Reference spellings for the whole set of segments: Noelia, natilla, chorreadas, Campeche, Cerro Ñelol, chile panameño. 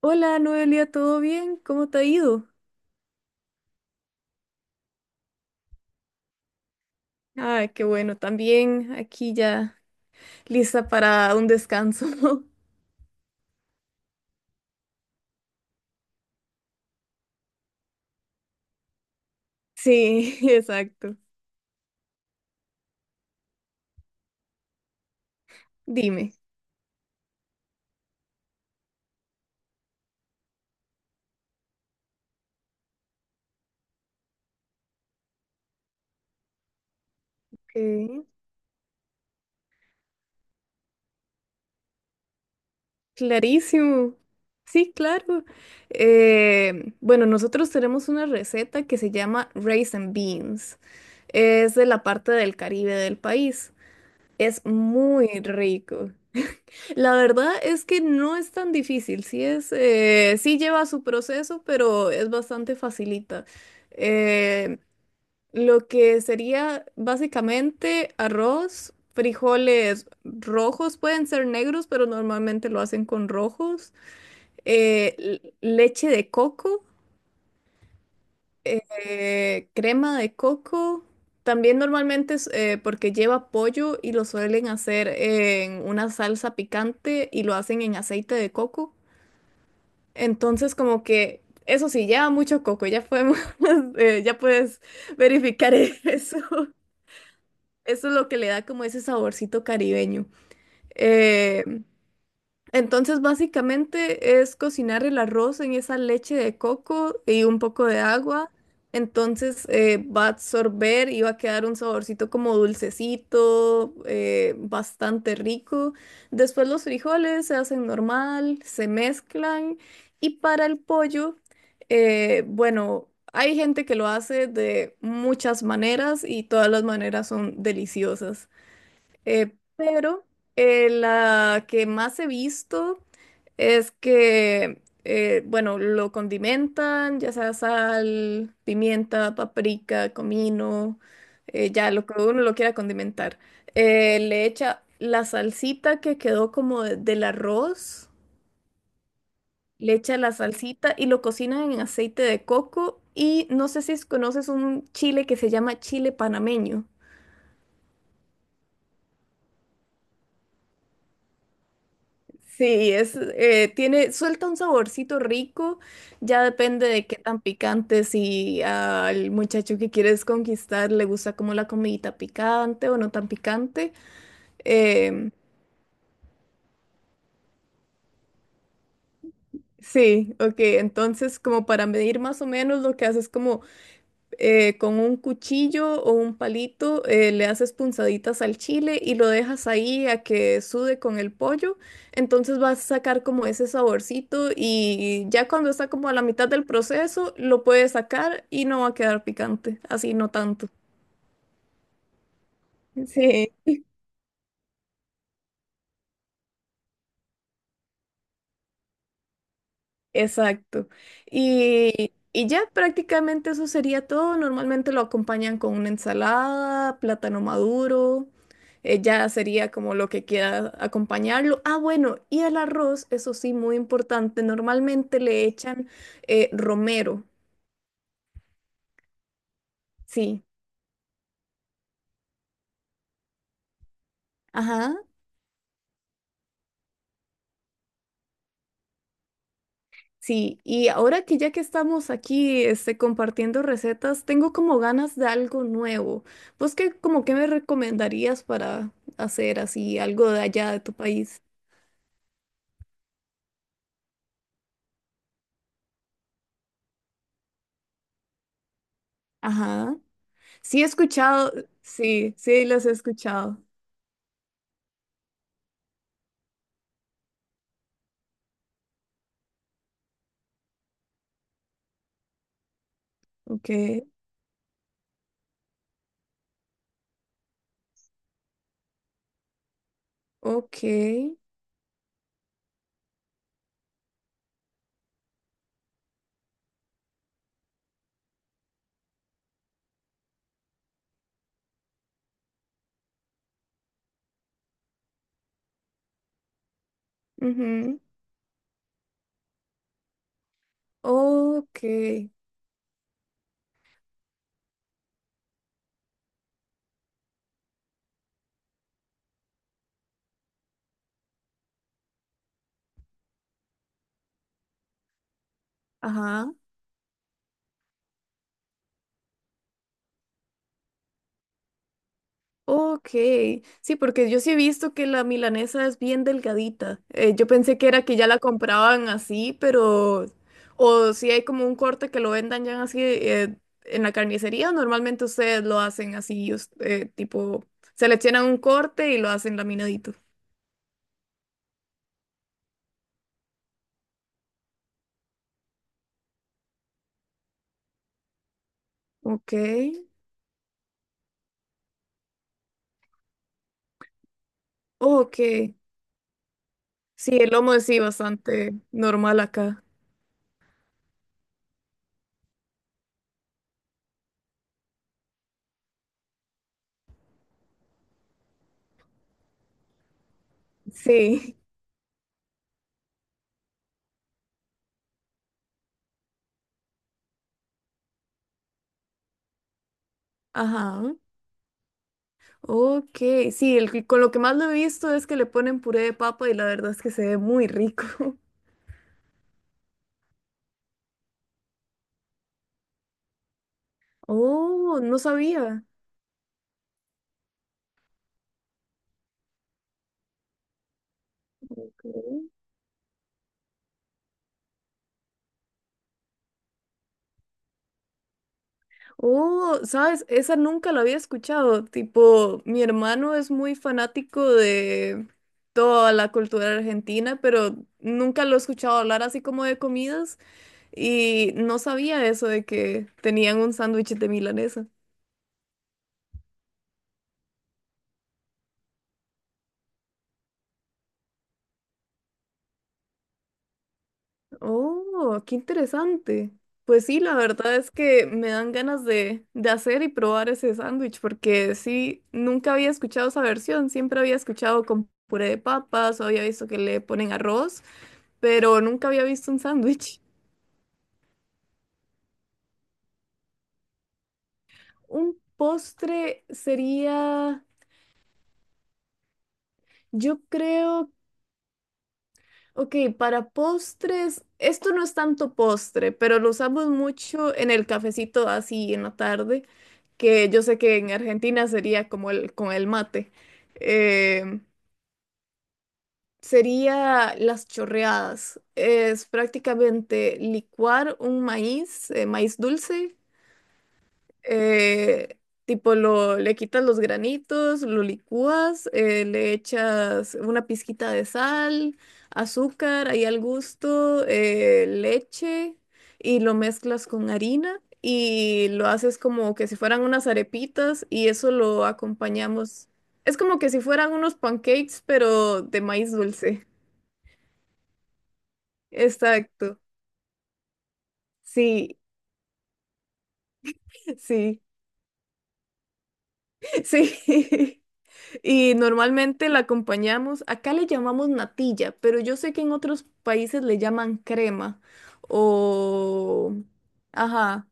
Hola Noelia, ¿todo bien? ¿Cómo te ha ido? Ah, qué bueno, también aquí ya lista para un descanso. Sí, exacto. Dime. Ok. Clarísimo. Sí, claro. Bueno, Nosotros tenemos una receta que se llama Rice and Beans. Es de la parte del Caribe del país. Es muy rico. La verdad es que no es tan difícil, sí es, sí lleva su proceso, pero es bastante facilita. Eh, lo que sería básicamente arroz, frijoles rojos, pueden ser negros, pero normalmente lo hacen con rojos, leche de coco, crema de coco. También normalmente es porque lleva pollo y lo suelen hacer en una salsa picante y lo hacen en aceite de coco. Entonces, como que, eso sí, lleva mucho coco, ya podemos, ya puedes verificar eso. Eso es lo que le da como ese saborcito caribeño. Eh, entonces, básicamente es cocinar el arroz en esa leche de coco y un poco de agua. Entonces, va a absorber y va a quedar un saborcito como dulcecito, bastante rico. Después los frijoles se hacen normal, se mezclan. Y para el pollo, bueno, hay gente que lo hace de muchas maneras y todas las maneras son deliciosas. Pero la que más he visto es que, lo condimentan, ya sea sal, pimienta, paprika, comino, ya lo que uno lo quiera condimentar. Le echa la salsita que quedó como del arroz, le echa la salsita y lo cocina en aceite de coco. Y no sé si conoces un chile que se llama chile panameño. Sí, es, tiene, suelta un saborcito rico, ya depende de qué tan picante, si al muchacho que quieres conquistar le gusta como la comidita picante o no tan picante. Em, sí, ok, entonces como para medir más o menos lo que haces es como con un cuchillo o un palito, le haces punzaditas al chile y lo dejas ahí a que sude con el pollo. Entonces vas a sacar como ese saborcito y ya cuando está como a la mitad del proceso, lo puedes sacar y no va a quedar picante, así no tanto. Sí. Exacto. Y ya prácticamente eso sería todo. Normalmente lo acompañan con una ensalada, plátano maduro. Ya sería como lo que quiera acompañarlo. Ah, bueno, y el arroz, eso sí, muy importante. Normalmente le echan romero. Sí. Ajá. Sí, y ahora que ya que estamos aquí, este, compartiendo recetas, tengo como ganas de algo nuevo. ¿Vos qué, como qué me recomendarías para hacer así algo de allá de tu país? Ajá. Sí he escuchado, sí, sí las he escuchado. Ok, ok, ujú, ok, ajá. Ok, sí, porque yo sí he visto que la milanesa es bien delgadita. Yo pensé que era que ya la compraban así, pero... O si hay como un corte que lo vendan ya así en la carnicería, normalmente ustedes lo hacen así, tipo, seleccionan un corte y lo hacen laminadito. Ok, ok. Sí, el lomo es sí bastante normal acá. Sí, ajá. Ok, sí, el con lo que más lo he visto es que le ponen puré de papa y la verdad es que se ve muy rico. Oh, no sabía. Ok. Oh, sabes, esa nunca la había escuchado. Tipo, mi hermano es muy fanático de toda la cultura argentina, pero nunca lo he escuchado hablar así como de comidas y no sabía eso de que tenían un sándwich de milanesa. Oh, qué interesante. Pues sí, la verdad es que me dan ganas de hacer y probar ese sándwich, porque sí, nunca había escuchado esa versión, siempre había escuchado con puré de papas o había visto que le ponen arroz, pero nunca había visto un sándwich. Un postre sería, yo creo, ok, para postres, esto no es tanto postre, pero lo usamos mucho en el cafecito así en la tarde que yo sé que en Argentina sería como el con el mate. eh, Sería las chorreadas. Es prácticamente licuar un maíz, maíz dulce, eh, tipo, lo, le quitas los granitos, lo licúas, le echas una pizquita de sal, azúcar, ahí al gusto, leche y lo mezclas con harina y lo haces como que si fueran unas arepitas y eso lo acompañamos. Es como que si fueran unos pancakes, pero de maíz dulce. Exacto. Sí, sí, sí. Y normalmente la acompañamos, acá le llamamos natilla, pero yo sé que en otros países le llaman crema o... Ajá,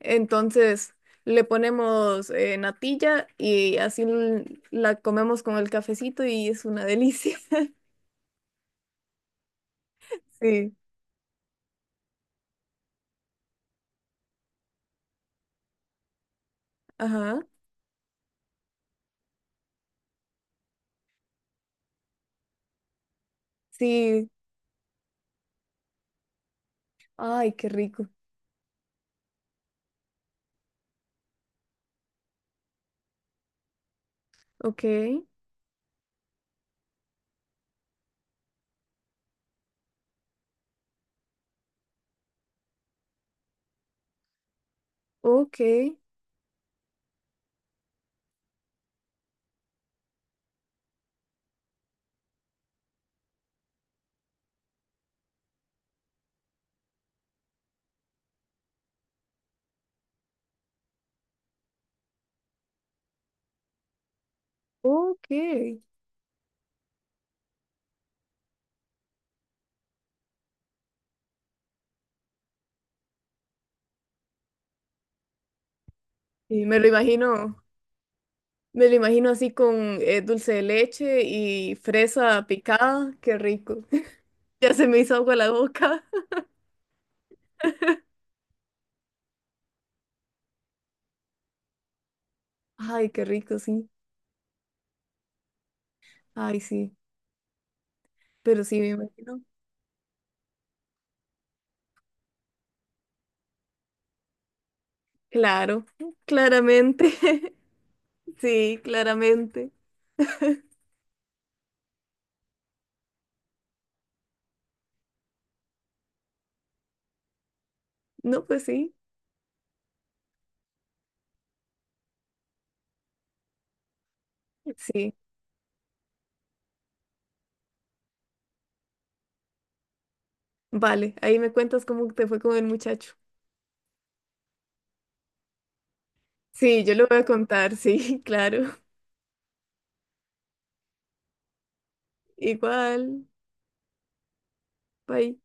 entonces le ponemos natilla y así la comemos con el cafecito y es una delicia. Sí, ajá, sí, ay, qué rico. Ok, ok, ok. Y me lo imagino. Me lo imagino así con dulce de leche y fresa picada. Qué rico. Ya se me hizo agua la boca. Ay, qué rico, sí. Ay, sí. Pero sí, me imagino. Claro, claramente. Sí, claramente. No, pues sí. Sí. Vale, ahí me cuentas cómo te fue con el muchacho. Sí, yo lo voy a contar, sí, claro. Igual. Bye.